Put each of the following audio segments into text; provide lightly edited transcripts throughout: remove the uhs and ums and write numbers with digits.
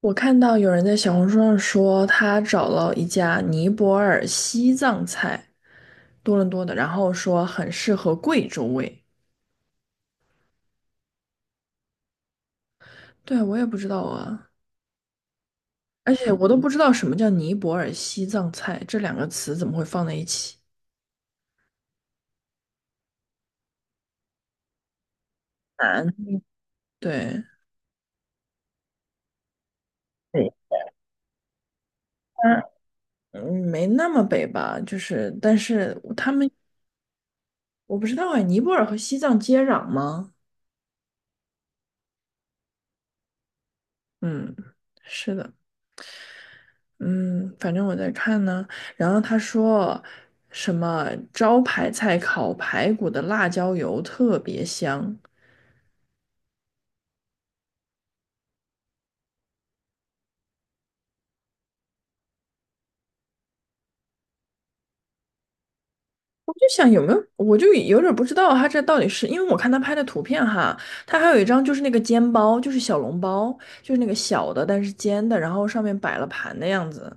我看到有人在小红书上说，他找了一家尼泊尔西藏菜，多伦多的，然后说很适合贵州味。对，我也不知道啊。而且我都不知道什么叫尼泊尔西藏菜，这两个词怎么会放在一起？南，对，对，它没那么北吧，就是，但是他们我不知道哎，尼泊尔和西藏接壤吗？嗯，是的。嗯，反正我在看呢。然后他说什么招牌菜烤排骨的辣椒油特别香。我就想有没有，我就有点儿不知道他这到底是，因为我看他拍的图片哈，他还有一张就是那个煎包，就是小笼包，就是那个小的但是煎的，然后上面摆了盘的样子。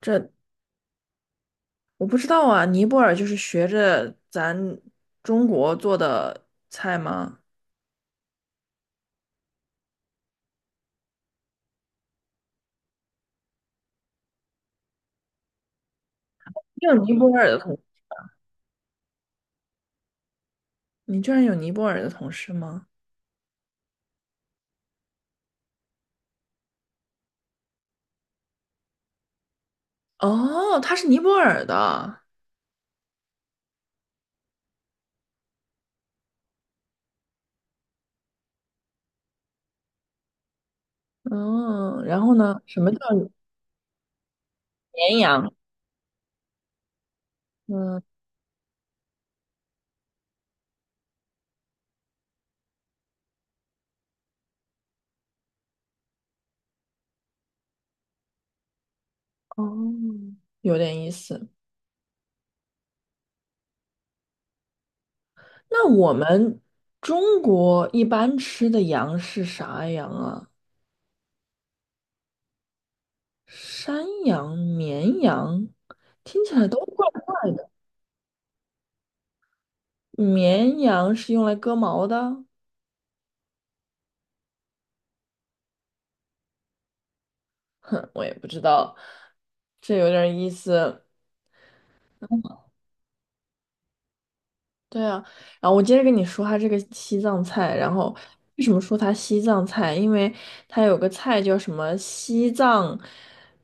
这我不知道啊，尼泊尔就是学着咱中国做的菜吗？你有尼泊尔的同，你居然有尼泊尔的同事吗？哦，它是尼泊尔的。嗯，然后呢，什么叫绵羊？嗯，哦，有点意思。那我们中国一般吃的羊是啥羊啊？山羊、绵羊，听起来都怪的。绵羊是用来割毛的？哼，我也不知道，这有点意思。对啊，然后我接着跟你说它这个西藏菜。然后为什么说它西藏菜？因为它有个菜叫什么西藏，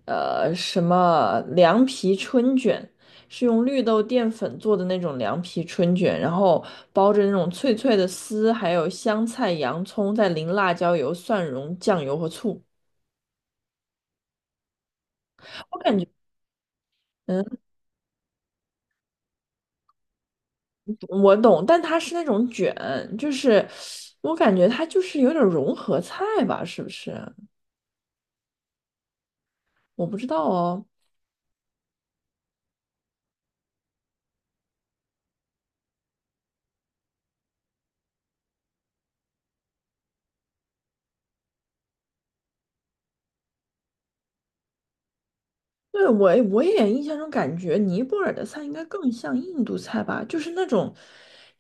什么凉皮春卷，是用绿豆淀粉做的那种凉皮春卷，然后包着那种脆脆的丝，还有香菜、洋葱，再淋辣椒油、蒜蓉、酱油和醋。我感觉，嗯，我懂，但它是那种卷，就是我感觉它就是有点融合菜吧，是不是？我不知道哦。对，我也印象中感觉尼泊尔的菜应该更像印度菜吧，就是那种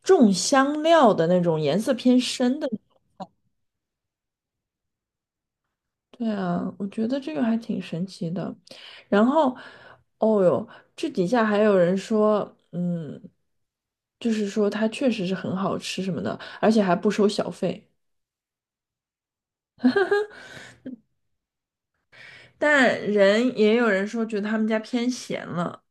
重香料的那种，颜色偏深的。对啊，我觉得这个还挺神奇的。然后，哦哟，这底下还有人说，嗯，就是说它确实是很好吃什么的，而且还不收小费。但人也有人说觉得他们家偏咸了。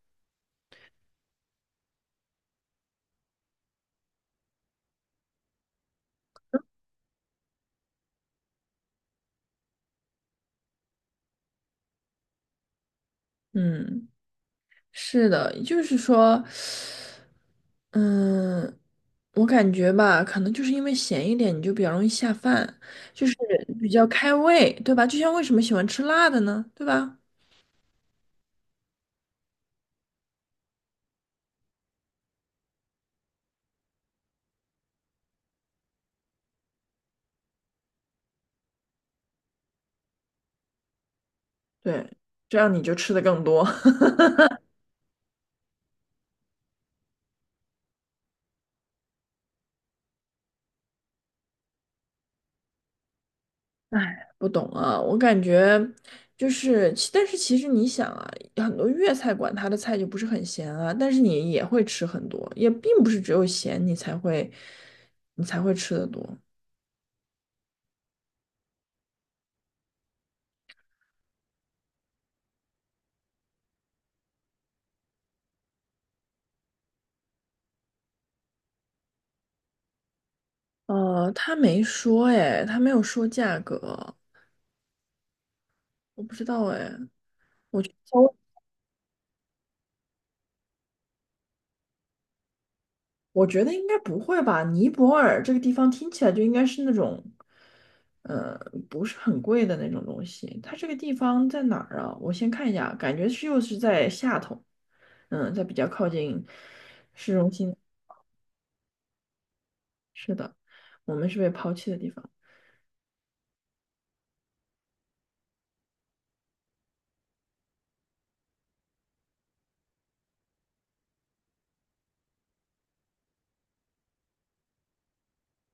嗯，是的，就是说。嗯，我感觉吧，可能就是因为咸一点，你就比较容易下饭，就是比较开胃，对吧？就像为什么喜欢吃辣的呢？对吧？对，这样你就吃的更多。哎，不懂啊，我感觉就是，但是其实你想啊，很多粤菜馆它的菜就不是很咸啊，但是你也会吃很多，也并不是只有咸你才会，你才会吃的多。他没说哎，他没有说价格，我不知道哎。我觉得应该不会吧？尼泊尔这个地方听起来就应该是那种，呃，不是很贵的那种东西。它这个地方在哪儿啊？我先看一下，感觉是又是在下头。嗯，在比较靠近市中心。是的，我们是被抛弃的地方。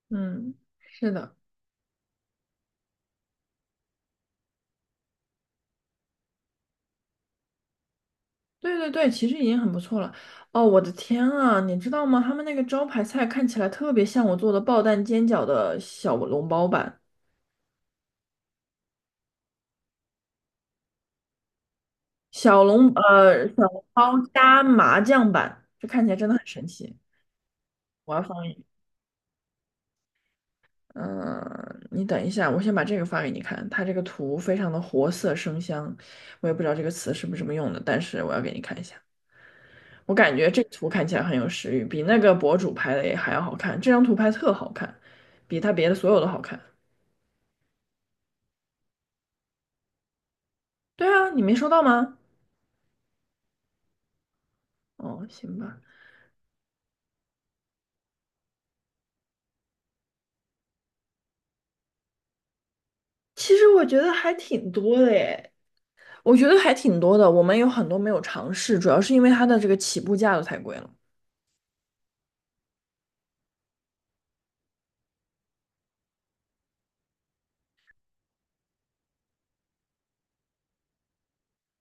嗯，是的。对对对，其实已经很不错了。哦，我的天啊，你知道吗？他们那个招牌菜看起来特别像我做的爆蛋煎饺的小笼包版。小笼包加麻酱版，这看起来真的很神奇。我要发给你。嗯，你等一下，我先把这个发给你看，它这个图非常的活色生香，我也不知道这个词是不是这么用的，但是我要给你看一下。我感觉这个图看起来很有食欲，比那个博主拍的也还要好看。这张图拍特好看，比他别的所有都好看。对啊，你没收到吗？哦，行吧。其实我觉得还挺多的耶。我觉得还挺多的，我们有很多没有尝试，主要是因为它的这个起步价都太贵了。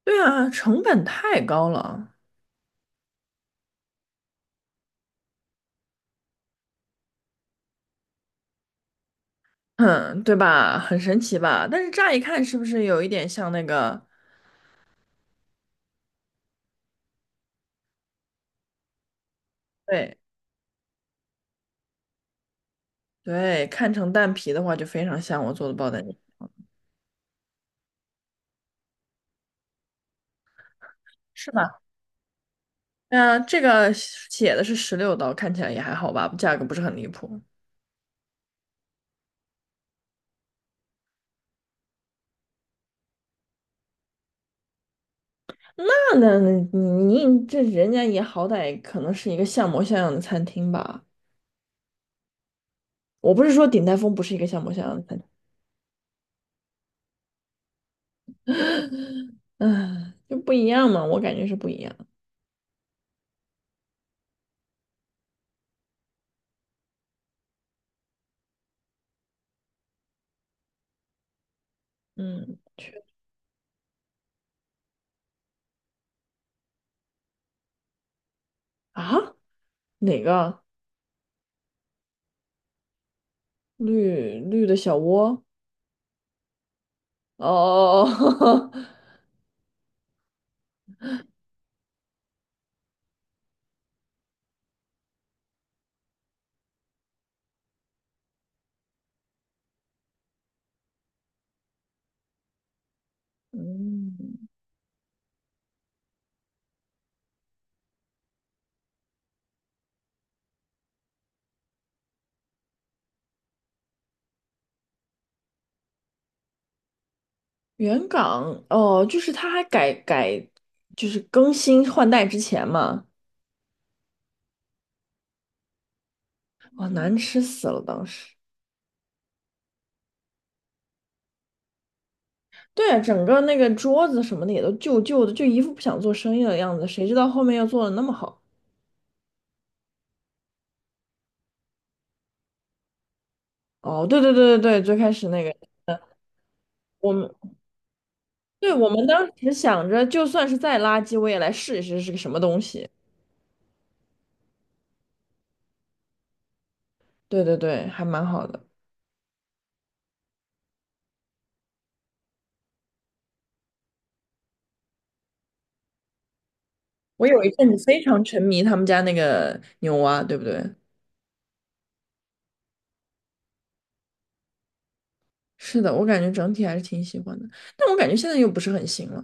对啊，成本太高了。嗯，对吧？很神奇吧？但是乍一看是不是有一点像那个？对对，看成蛋皮的话就非常像我做的爆蛋卷，是吧？嗯，这个写的是16刀，看起来也还好吧，价格不是很离谱。那你这人家也好歹可能是一个像模像样的餐厅吧？我不是说鼎泰丰不是一个像模像样的餐厅。嗯，就不一样嘛，我感觉是不一样。嗯，去啊，哪个绿绿的小窝？哦，嗯，原港哦，就是它还改改，就是更新换代之前嘛。哇，难吃死了，当时。对啊，整个那个桌子什么的也都旧旧的，就一副不想做生意的样子。谁知道后面又做的那么好？哦，对对对对对，最开始那个，我们对，我们当时想着，就算是再垃圾，我也来试一试是个什么东西。对对对，还蛮好的。我有一阵子非常沉迷他们家那个牛蛙，对不对？是的，我感觉整体还是挺喜欢的，但我感觉现在又不是很行了。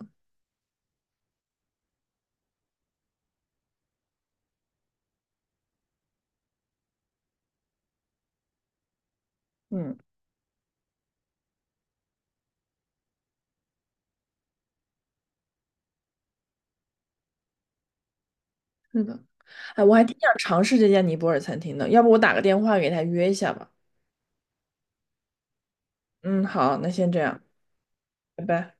嗯，是的。哎，我还挺想尝试这家尼泊尔餐厅的，要不我打个电话给他约一下吧。嗯，好，那先这样，拜拜。